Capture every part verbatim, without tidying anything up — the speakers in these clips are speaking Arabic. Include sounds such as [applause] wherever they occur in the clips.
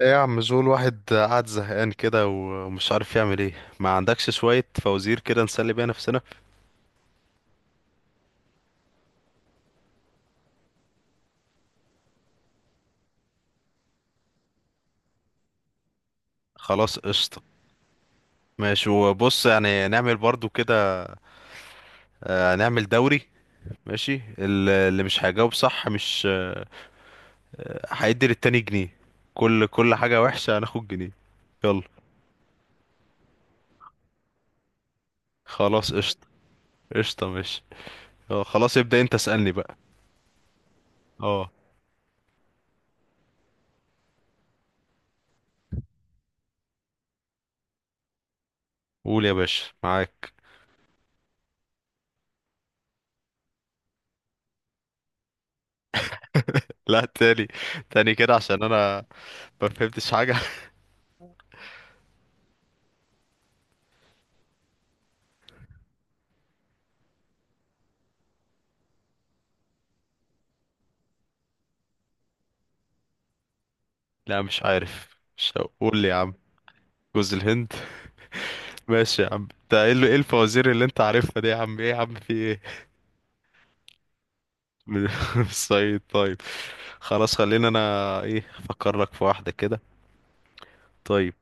ايه يا عم، زول واحد قاعد زهقان كده ومش عارف يعمل ايه؟ ما عندكش شوية فوازير كده نسلي بيها نفسنا؟ خلاص قشطة. ماشي، وبص يعني نعمل برضو كده. آه، نعمل دوري. ماشي، ال- اللي مش هيجاوب صح مش آه، هيدي للتاني جنيه. كل كل حاجة وحشة هناخد جنيه. يلا. خلاص قشطة. قشطة ماشي. اه خلاص، ابدأ انت اسألني بقى. اه. قول يا باشا، معاك. لا، تاني. تاني كده عشان انا ما فهمتش حاجة. [laughs] لا مش عارف، مش هقول يا عم. جوز الهند. ماشي يا عم، انت ايه ال- إيه الفوازير اللي انت عارفها دي يا عم؟ ايه يا عم، في ايه؟ [laughs] من الصعيد؟ طيب، خلاص خلينا. انا ايه، افكر لك في واحدة كده. طيب،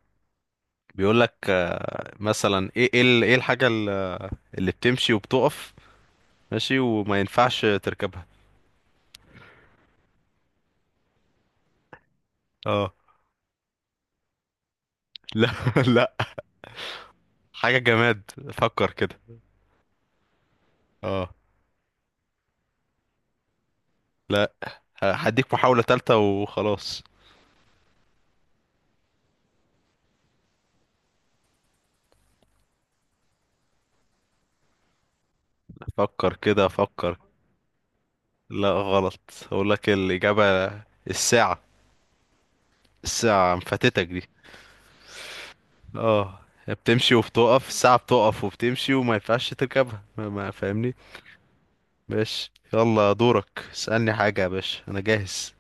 بيقول لك آه، مثلا ايه، ايه ال- ايه الحاجة ال- اللي بتمشي وبتقف ماشي وما ينفعش تركبها. اه. لا، [laughs] لا. حاجة جماد، فكر كده. اه. لا، هديك محاولة تالتة وخلاص. فكر كده فكر. لا غلط. اقول لك الإجابة، الساعة. الساعة مفاتتك دي؟ اه، هي بتمشي وبتقف، الساعة بتقف وبتمشي وما ينفعش تركبها، ما ما فاهمني؟ باش، يلا دورك، اسألني حاجة يا باشا، أنا جاهز.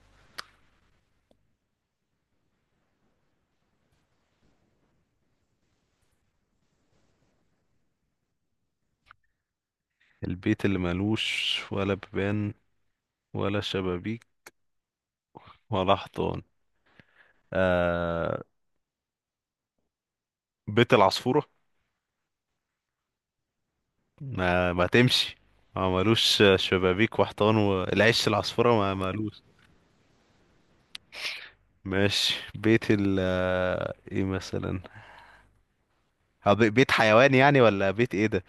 البيت اللي ملوش ولا بيبان ولا شبابيك ولا حيطان؟ آه، بيت العصفورة. ما, ما تمشي، ما ملوش شبابيك وحيطان، والعش العصفورة ما ملوش. ماشي، بيت ال آه، ايه مثلا؟ آه، بي- بيت حيوان يعني؟ ولا بيت ايه ده؟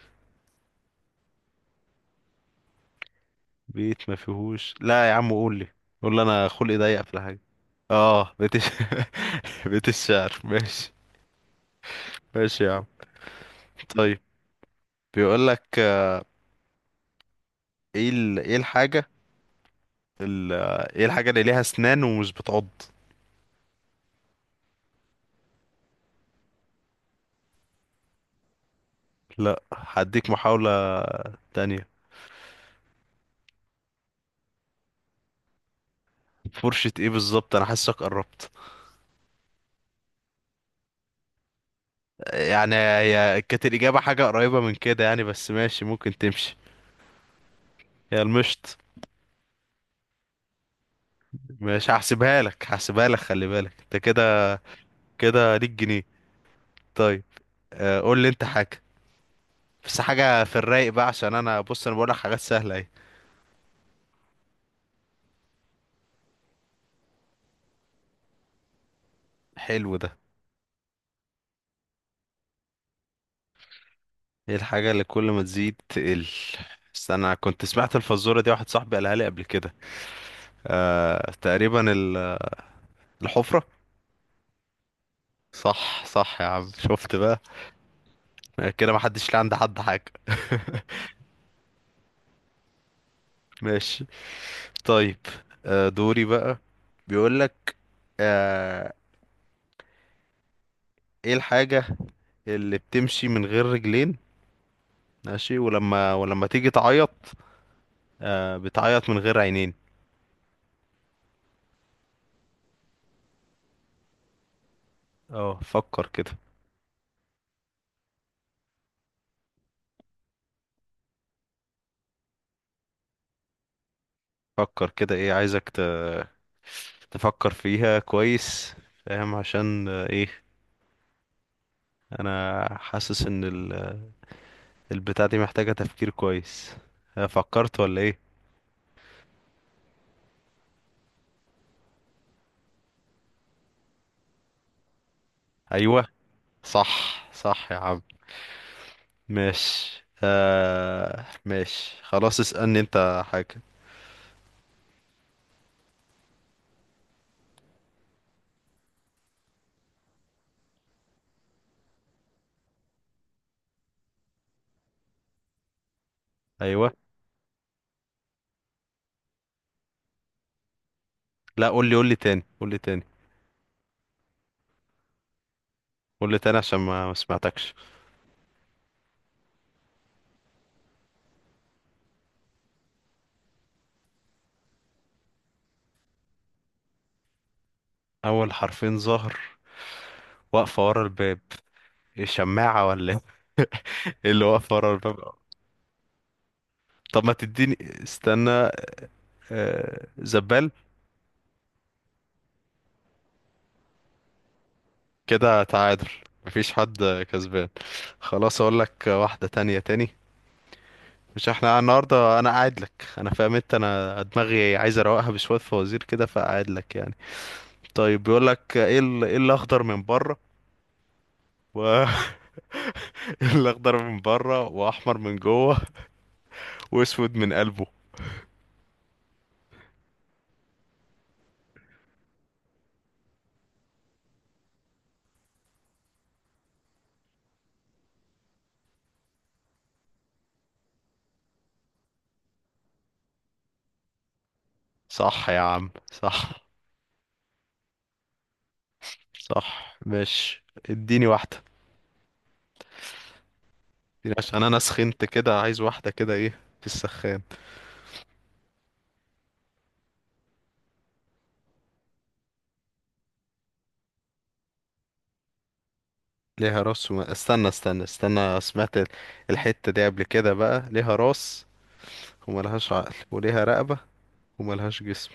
بيت ما فيهوش؟ لا يا عم قول لي، قول لي، انا خلقي ضيق في الحاجة. اه، بيت الش... [laughs] بيت الشعر ماشي. ماشي يا عم، طيب. بيقول لك ايه ال... ايه الحاجة ال... ايه الحاجة اللي ليها اسنان ومش بتعض؟ لا، هديك محاولة تانية. فرشة ايه بالظبط؟ انا حاسك قربت، يعني هي كانت الإجابة حاجة قريبة من كده يعني، بس ماشي ممكن تمشي. هي المشط. مش هحسبها لك، هحسبها لك، خلي بالك انت كده، كده ليك جنيه. طيب، آه، قول لي انت حاجة، بس حاجة في الرايق بقى عشان انا بص، انا بقولك حاجات سهلة اهي. حلو ده. ايه الحاجة اللي كل ما تزيد تقل؟ بس انا كنت سمعت الفزورة دي، واحد صاحبي قالها لي قبل كده. آه، تقريبا، ال- الحفرة. صح، صح يا عم، شفت بقى؟ كده محدش ليه عند حد حاجة. ماشي، طيب. آه، دوري بقى. بيقولك آه، ايه الحاجة اللي بتمشي من غير رجلين ماشي، ولما ولما تيجي تعيط آه بتعيط من غير عينين؟ اه، فكر كده، فكر كده، ايه، عايزك ت... تفكر فيها كويس. فاهم؟ عشان آه، ايه، انا حاسس ان ال... البتاع دي محتاجة تفكير كويس. آه، فكرت ولا ايه؟ ايوه، صح، صح يا عم. ماشي آه ماشي، خلاص اسألني انت حاجة. ايوه. لا، قول لي، قول لي تاني، قول لي تاني، قول لي تاني عشان ما ما سمعتكش. اول حرفين ظهر، واقفة ورا الباب؟ إيه، شماعة ولا ايه؟ [laughs] إيه اللي واقفة ورا الباب؟ طب ما تديني. استنى. آه، زبال. كده تعادل، مفيش حد كسبان. خلاص اقول لك واحدة تانية تاني. مش احنا النهاردة، انا قاعد لك انا، فاهم انت؟ انا دماغي عايز اروقها بشوية فوازير كده، فقاعد لك يعني. طيب، بيقول لك ايه ال- ايه الاخضر من بره و [laughs] إيه الاخضر من بره واحمر من جوه واسود من قلبه؟ صح يا عم، صح. صح، ماشي. اديني واحدة، اديني عشان انا سخنت كده، عايز واحدة كده ايه، في السخان. ليها راس وما... استنى، استنى، استنى، سمعت ال- الحتة دي قبل كده بقى. ليها راس وملهاش عقل، وليها رقبة وملهاش جسم.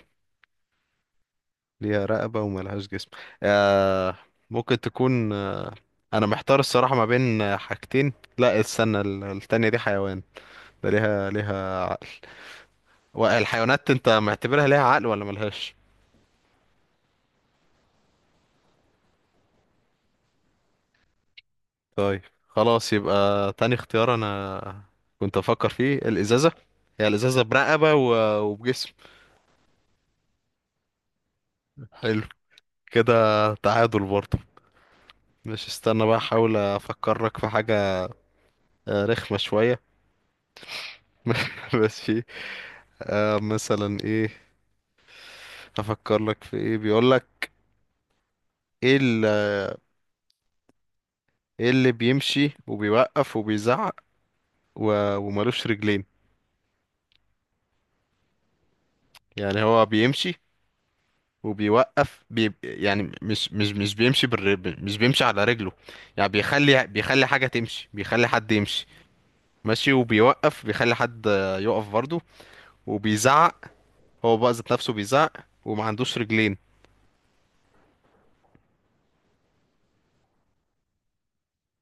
ليها رقبة وملهاش جسم. آه، ممكن تكون آه، أنا محتار الصراحة ما بين آه، حاجتين. لا استنى، ال- التانية دي حيوان، ده ليها ليها عقل. والحيوانات أنت معتبرها ليها عقل ولا ملهاش؟ طيب، خلاص يبقى تاني اختيار. أنا كنت أفكر فيه الإزازة، هي الإزازة برقبة و- وبجسم. حلو. كده تعادل برضه. مش استنى بقى، احاول افكرك في حاجة آه، رخمة شوية. [laughs] ماشي آه، مثلا ايه افكر لك في ايه؟ بيقول لك ايه ال- ايه اللي بيمشي وبيوقف وبيزعق و- ومالوش رجلين؟ يعني هو بيمشي وبيوقف بي يعني مش مش مش بيمشي بالر... مش بيمشي على رجله، يعني بيخلي بيخلي حاجة تمشي، بيخلي حد يمشي ماشي، وبيوقف بيخلي حد آه، يقف برضه. وبيزعق، هو بقى ذات نفسه بيزعق، وما عندوش رجلين.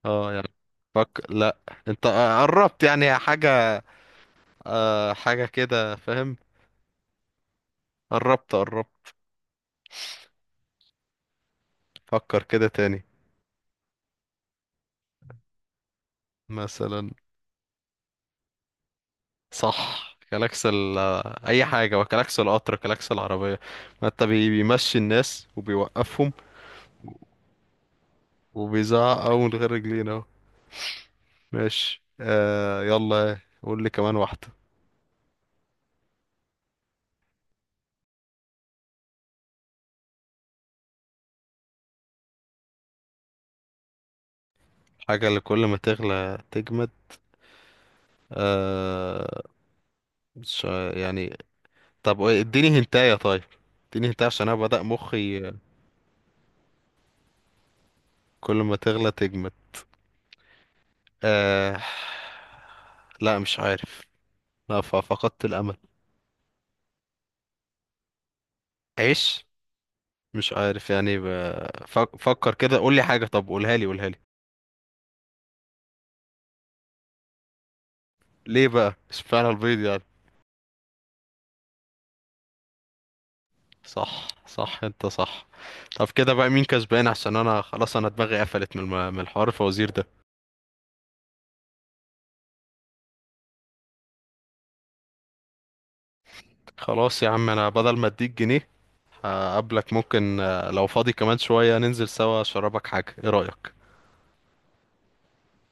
اه يعني. فك لا، انت آه، قربت يعني، حاجة آه، حاجة كده، فاهم؟ قربت قربت، فكر كده تاني. مثلا. صح، كلاكس ال آه، اي حاجة، وكلاكس القطر، كلاكس العربية، ما انت بي- بيمشي الناس وبيوقفهم، وبيزعق اهو من غير رجلين اهو. ماشي آه، يلا قول لي كمان واحدة. حاجة اللي كل ما تغلى تجمد؟ آه، مش يعني، طب اديني هنتايه طيب، اديني هنتايه عشان انا بدأ مخي. كل ما تغلى تجمد، آه، لا مش عارف. لا، ف- فقدت الامل. عيش. مش عارف يعني ب... فك- فكر كده، قول لي حاجه، طب قولها لي، قولها لي. ليه بقى، اشمعنى البيض يعني؟ صح، صح انت صح. طب كده بقى مين كسبان؟ عشان انا خلاص، انا دماغي قفلت من الم... من الحوار الفوازير ده. خلاص يا عم، انا بدل ما اديك جنيه، هقابلك ممكن آه، لو فاضي كمان شويه، ننزل سوا اشربك حاجه، ايه رأيك؟